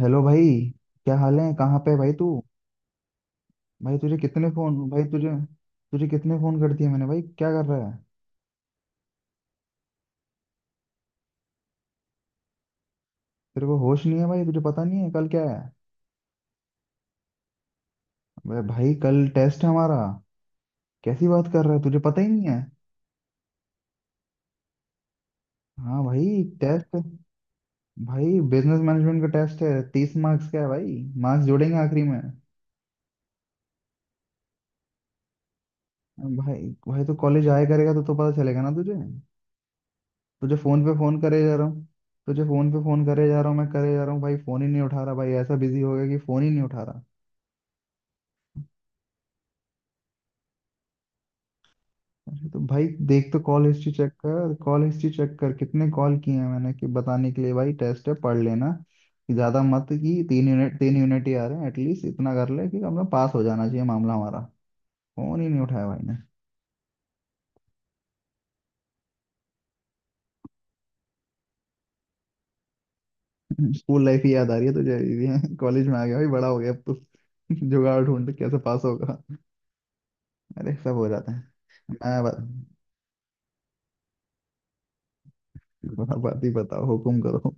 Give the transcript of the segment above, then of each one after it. Hello भाई। क्या हाल है कहाँ पे है भाई तू। भाई तुझे कितने फोन भाई तुझे तुझे कितने फोन कर दिए मैंने भाई क्या कर रहा है। तेरे को होश नहीं है भाई तुझे पता नहीं है कल क्या है। अबे भाई कल टेस्ट है हमारा। कैसी बात कर रहा है तुझे पता ही नहीं है। हाँ भाई टेस्ट। भाई बिजनेस मैनेजमेंट का टेस्ट है 30 मार्क्स का है भाई। मार्क्स जोड़ेंगे आखिरी में। भाई भाई तो कॉलेज आया करेगा तो पता चलेगा ना तुझे। तुझे फोन पे फोन करे जा रहा हूँ। तुझे फोन पे फोन करे जा रहा हूँ मैं करे जा रहा हूँ भाई फोन ही नहीं उठा रहा भाई ऐसा बिजी हो गया कि फोन ही नहीं उठा रहा। अरे तो भाई देख तो कॉल हिस्ट्री चेक कर कॉल हिस्ट्री चेक कर कितने कॉल किए हैं मैंने कि बताने के लिए भाई टेस्ट है पढ़ लेना। कि ज्यादा मत कि 3 यूनिट 3 यूनिट ही आ रहे हैं एटलीस्ट इतना कर ले कि अपना पास हो जाना चाहिए मामला हमारा। फोन ही नहीं उठाया भाई ने। स्कूल लाइफ ही याद आ रही है तुझे ये कॉलेज में आ गया भाई बड़ा हो गया अब तो। जुगाड़ ढूंढ के कैसे पास होगा। अरे सब हो जाता है मैं बात बात ही बताओ हुकुम करो।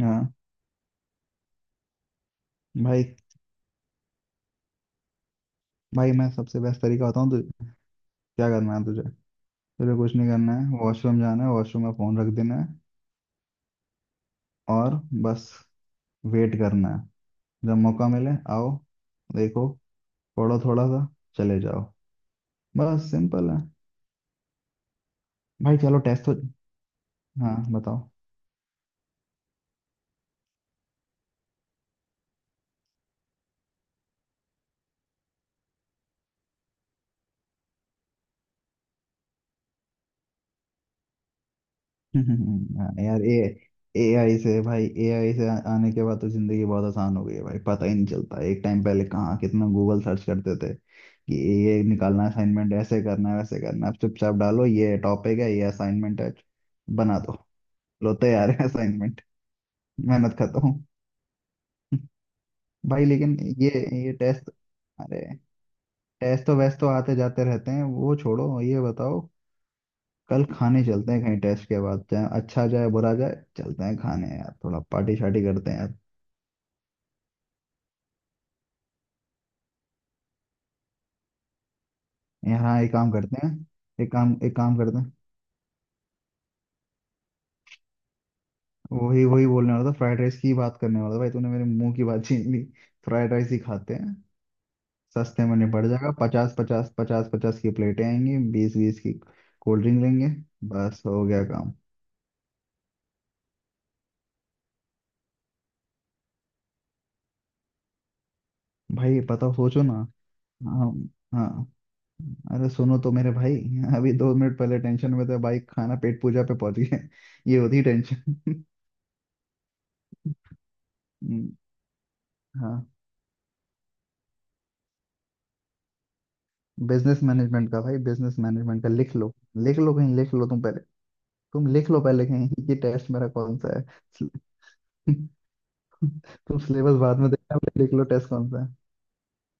हाँ भाई भाई मैं सबसे बेस्ट तरीका बताऊँ तुझे। क्या करना है तुझे। तुझे कुछ नहीं करना है वॉशरूम जाना है वॉशरूम में फोन रख देना है। और बस वेट करना है। जब मौका मिले आओ। देखो पढ़ो थोड़ा सा चले जाओ। बस सिंपल है। भाई चलो टेस्ट तो। हाँ बताओ। हाँ, यार ए एआई से भाई एआई से आने के बाद तो जिंदगी बहुत आसान हो गई है भाई पता ही नहीं चलता एक टाइम पहले कहाँ कितना गूगल सर्च करते थे कि ये निकालना है, असाइनमेंट ऐसे करना है वैसे करना है अब चुपचाप डालो ये टॉपिक है ये असाइनमेंट है। बना दो लो तैयार है असाइनमेंट। मेहनत करता हूँ। भाई लेकिन ये ये टेस्ट। अरे टेस्ट तो वैसे तो आते जाते रहते हैं वो छोड़ो ये बताओ। कल खाने चलते हैं कहीं टेस्ट के बाद चाहे अच्छा जाए बुरा जाए चलते हैं खाने यार थोड़ा पार्टी शार्टी करते हैं यार। यहाँ एक काम करते हैं। एक काम करते हैं। वही वही बोलने वाला था फ्राइड राइस की बात करने वाला था भाई तूने मेरे मुंह की बात छीन ली। फ्राइड राइस ही खाते हैं। सस्ते में निपट जाएगा 50 50 50 50 की प्लेटें आएंगी 20 20 की। कोल्ड ड्रिंक लेंगे बस हो गया काम। भाई पता सोचो ना। हाँ हाँ अरे सुनो तो मेरे भाई। अभी 2 मिनट पहले टेंशन में था भाई खाना पेट पूजा पे पहुंच गया ये होती टेंशन हम्म, हाँ बिजनेस मैनेजमेंट का भाई बिजनेस मैनेजमेंट का लिख लो। लिख लो कहीं लिख लो तुम पहले। तुम लिख लो पहले कहीं। ये टेस्ट मेरा कौन सा है। तुम सिलेबस बाद में देखना पहले लिख लो टेस्ट कौन सा है।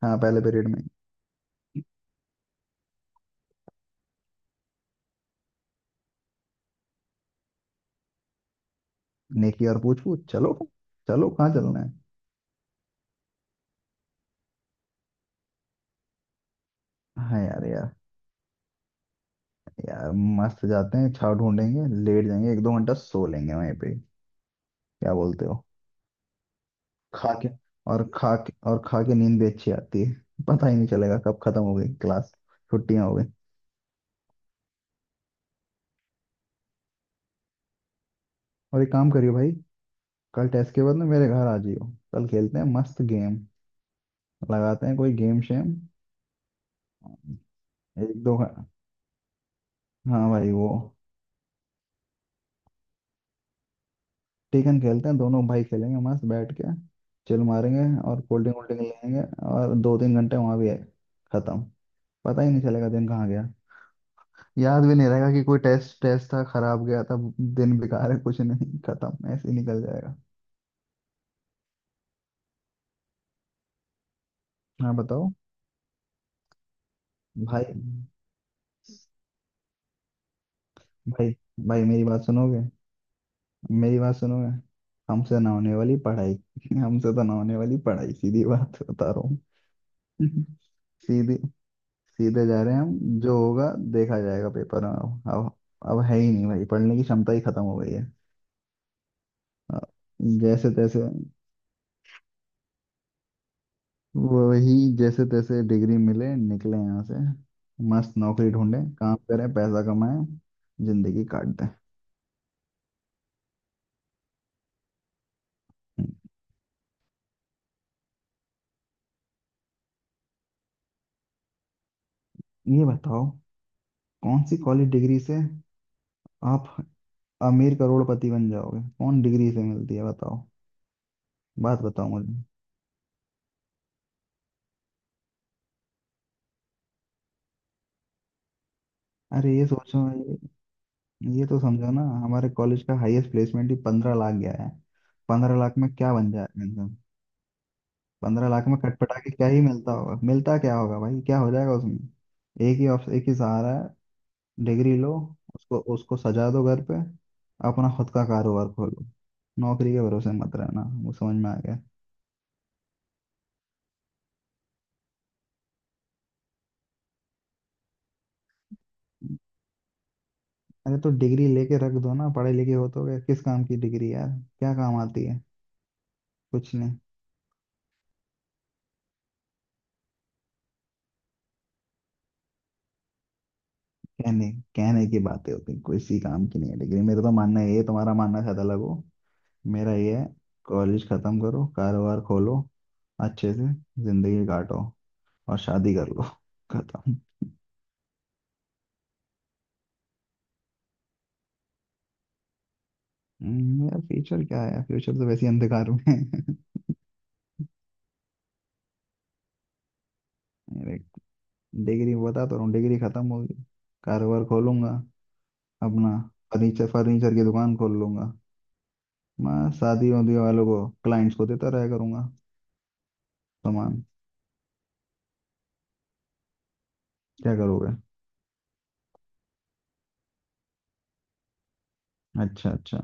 हाँ पहले पीरियड में। नेकी और पूछ पूछ चलो। चलो कहाँ चलना है। हाँ यार यार यार मस्त जाते हैं छाव ढूंढेंगे लेट जाएंगे 1 2 घंटा सो लेंगे वहीं पे। क्या बोलते हो। खा के और खा के और खा के नींद भी अच्छी आती है। पता ही नहीं चलेगा कब खत्म हो गई क्लास। छुट्टियां हो गई। और एक काम करियो भाई। कल टेस्ट के बाद ना मेरे घर आ जियो। कल खेलते हैं मस्त गेम। लगाते हैं कोई गेम शेम। एक दो घं- हाँ भाई वो टेकन खेलते हैं दोनों भाई खेलेंगे मस्त बैठ के। चिल मारेंगे। और कोल्ड ड्रिंक वोल्ड ड्रिंक लेंगे। और 2 3 घंटे वहां भी है खत्म। पता ही नहीं चलेगा दिन कहाँ गया। याद भी नहीं रहेगा कि कोई टेस्ट टेस्ट था खराब गया था। दिन बेकार है कुछ नहीं खत्म ऐसे ही निकल जाएगा। हाँ बताओ भाई भाई भाई मेरी बात सुनोगे। मेरी बात सुनोगे। हमसे ना होने वाली पढ़ाई। हमसे तो ना होने वाली पढ़ाई सीधी बात बता रहा हूँ। सीधे सीधे जा रहे हैं हम जो होगा देखा जाएगा पेपर में अब अब है ही नहीं भाई पढ़ने की क्षमता ही खत्म हो गई है। अ, जैसे तैसे। वही जैसे तैसे डिग्री मिले निकले यहाँ से। मस्त नौकरी ढूंढे काम करें पैसा कमाएं। जिंदगी काट दें। हम्म, ये बताओ। कौन सी कॉलेज डिग्री से आप अमीर करोड़पति बन जाओगे कौन डिग्री से मिलती है बताओ। बात बताओ मुझे। अरे ये सोचो। ये, ये तो समझो ना हमारे कॉलेज का हाईएस्ट प्लेसमेंट ही 15 लाख गया है। पंद्रह लाख में क्या बन जाएगा इंसान। पंद्रह लाख में कटपटा के क्या ही मिलता होगा मिलता क्या होगा भाई क्या हो जाएगा उसमें। एक ही ऑप्शन एक ही सहारा है। डिग्री लो। उसको उसको सजा दो घर पे। अपना खुद का कारोबार खोलो। नौकरी के भरोसे मत रहना वो समझ में आ गया। अरे तो डिग्री लेके रख दो ना पढ़े लिखे हो तो क्या किस काम की डिग्री यार। क्या काम आती है। कुछ नहीं। कहने कहने की बातें होती हैं, किसी काम की नहीं है डिग्री मेरा तो मानना ये है, तुम्हारा मानना शायद अलग हो। मेरा ये है। कॉलेज खत्म करो कारोबार खोलो अच्छे से। जिंदगी काटो। और शादी कर लो। खत्म। यार फ्यूचर क्या है फ्यूचर तो वैसे ही अंधकार में है। मेरे डिग्री बता तो रहा हूँ डिग्री खत्म होगी। कारोबार खोलूंगा अपना। फर्नीचर फर्नीचर की दुकान खोल लूंगा। मैं शादी वादी वालों को क्लाइंट्स को देता रहा करूंगा सामान। क्या करोगे। अच्छा अच्छा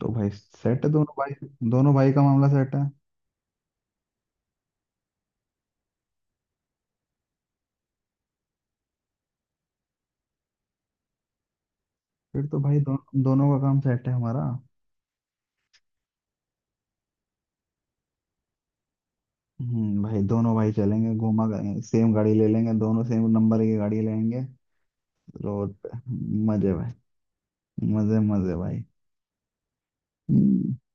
तो भाई सेट है दोनों भाई। दोनों भाई का मामला सेट है। फिर तो भाई दोनों का काम सेट है हमारा। भाई दोनों भाई चलेंगे घूमा करेंगे सेम गाड़ी ले लेंगे दोनों सेम नंबर की गाड़ी लेंगे। रोड पे मजे भाई। मजे मजे भाई। हम्म।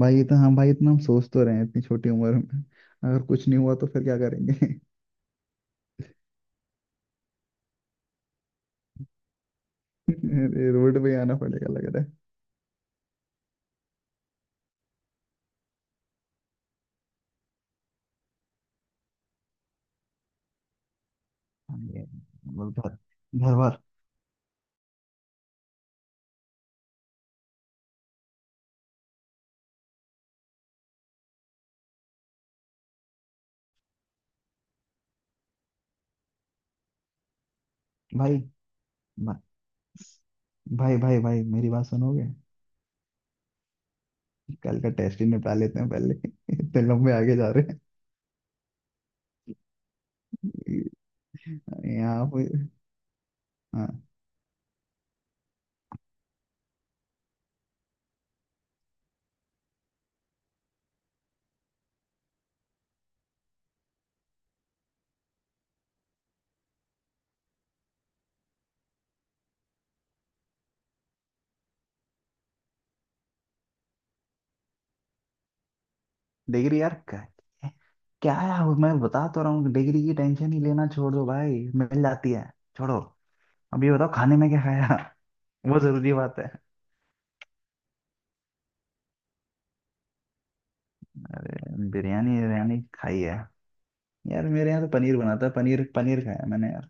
भाई इतना हम सोच तो रहे हैं इतनी छोटी उम्र में। अगर कुछ नहीं हुआ तो फिर क्या करेंगे। ये रोड पे ही आना पड़ेगा लग रहा है। ये बोल घर घर भर भाई म- भाई भाई भाई मेरी बात सुनोगे। कल का टेस्ट ही निपटा लेते हैं पहले। इतने लंबे आगे जा रहे हैं यहाँ पे। हाँ डिग्री यार क्या। क्या है वो मैं बता तो रहा हूँ डिग्री की टेंशन ही लेना छोड़ दो भाई मिल जाती है। छोड़ो। अब ये बताओ खाने में क्या खाया। वो जरूरी बात है। बिरयानी बिरयानी खाई है। यार मेरे यहाँ तो पनीर बना था पनीर पनीर खाया मैंने यार।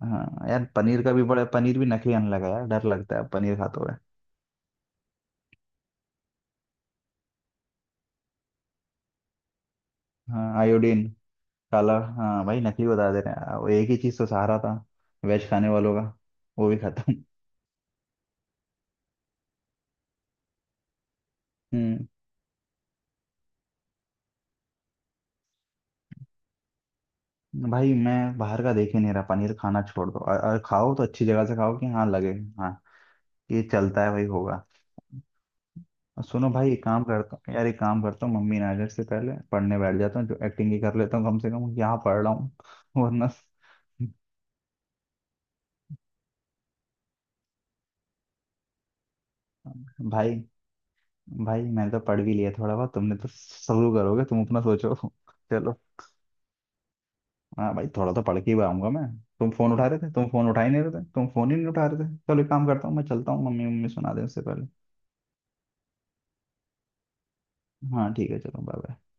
हाँ यार पनीर का भी बड़ा पनीर भी नकली आने लगा यार डर लगता है पनीर खाते हुए। हाँ आयोडीन काला। हाँ भाई नकली बता दे रहे हैं वो एक ही चीज़ तो सहारा था वेज खाने वालों का। वो भी खत्म। हम्म भाई मैं बाहर का देख ही नहीं रहा पनीर खाना छोड़ दो और खाओ तो अच्छी जगह से खाओ कि हाँ लगे। हाँ ये चलता है भाई होगा। और सुनो भाई एक काम करता हूँ यार एक काम करता हूँ मम्मी नाजर से पहले पढ़ने बैठ जाता हूँ जो एक्टिंग ही कर लेता हूँ कम से कम यहाँ पढ़ रहा हूँ। वरना। भाई भाई मैंने तो पढ़ भी लिया थोड़ा बहुत तुमने तो शुरू करोगे तुम अपना सोचो। चलो। हाँ भाई थोड़ा तो पढ़ के ही आऊंगा मैं। तुम फोन उठा रहे थे तुम फोन उठा ही नहीं रहे थे तुम फोन ही नहीं उठा रहे थे चलो एक काम करता हूँ मैं चलता हूँ मम्मी मम्मी सुना दे उससे पहले। हाँ ठीक है चलो बाय बाय।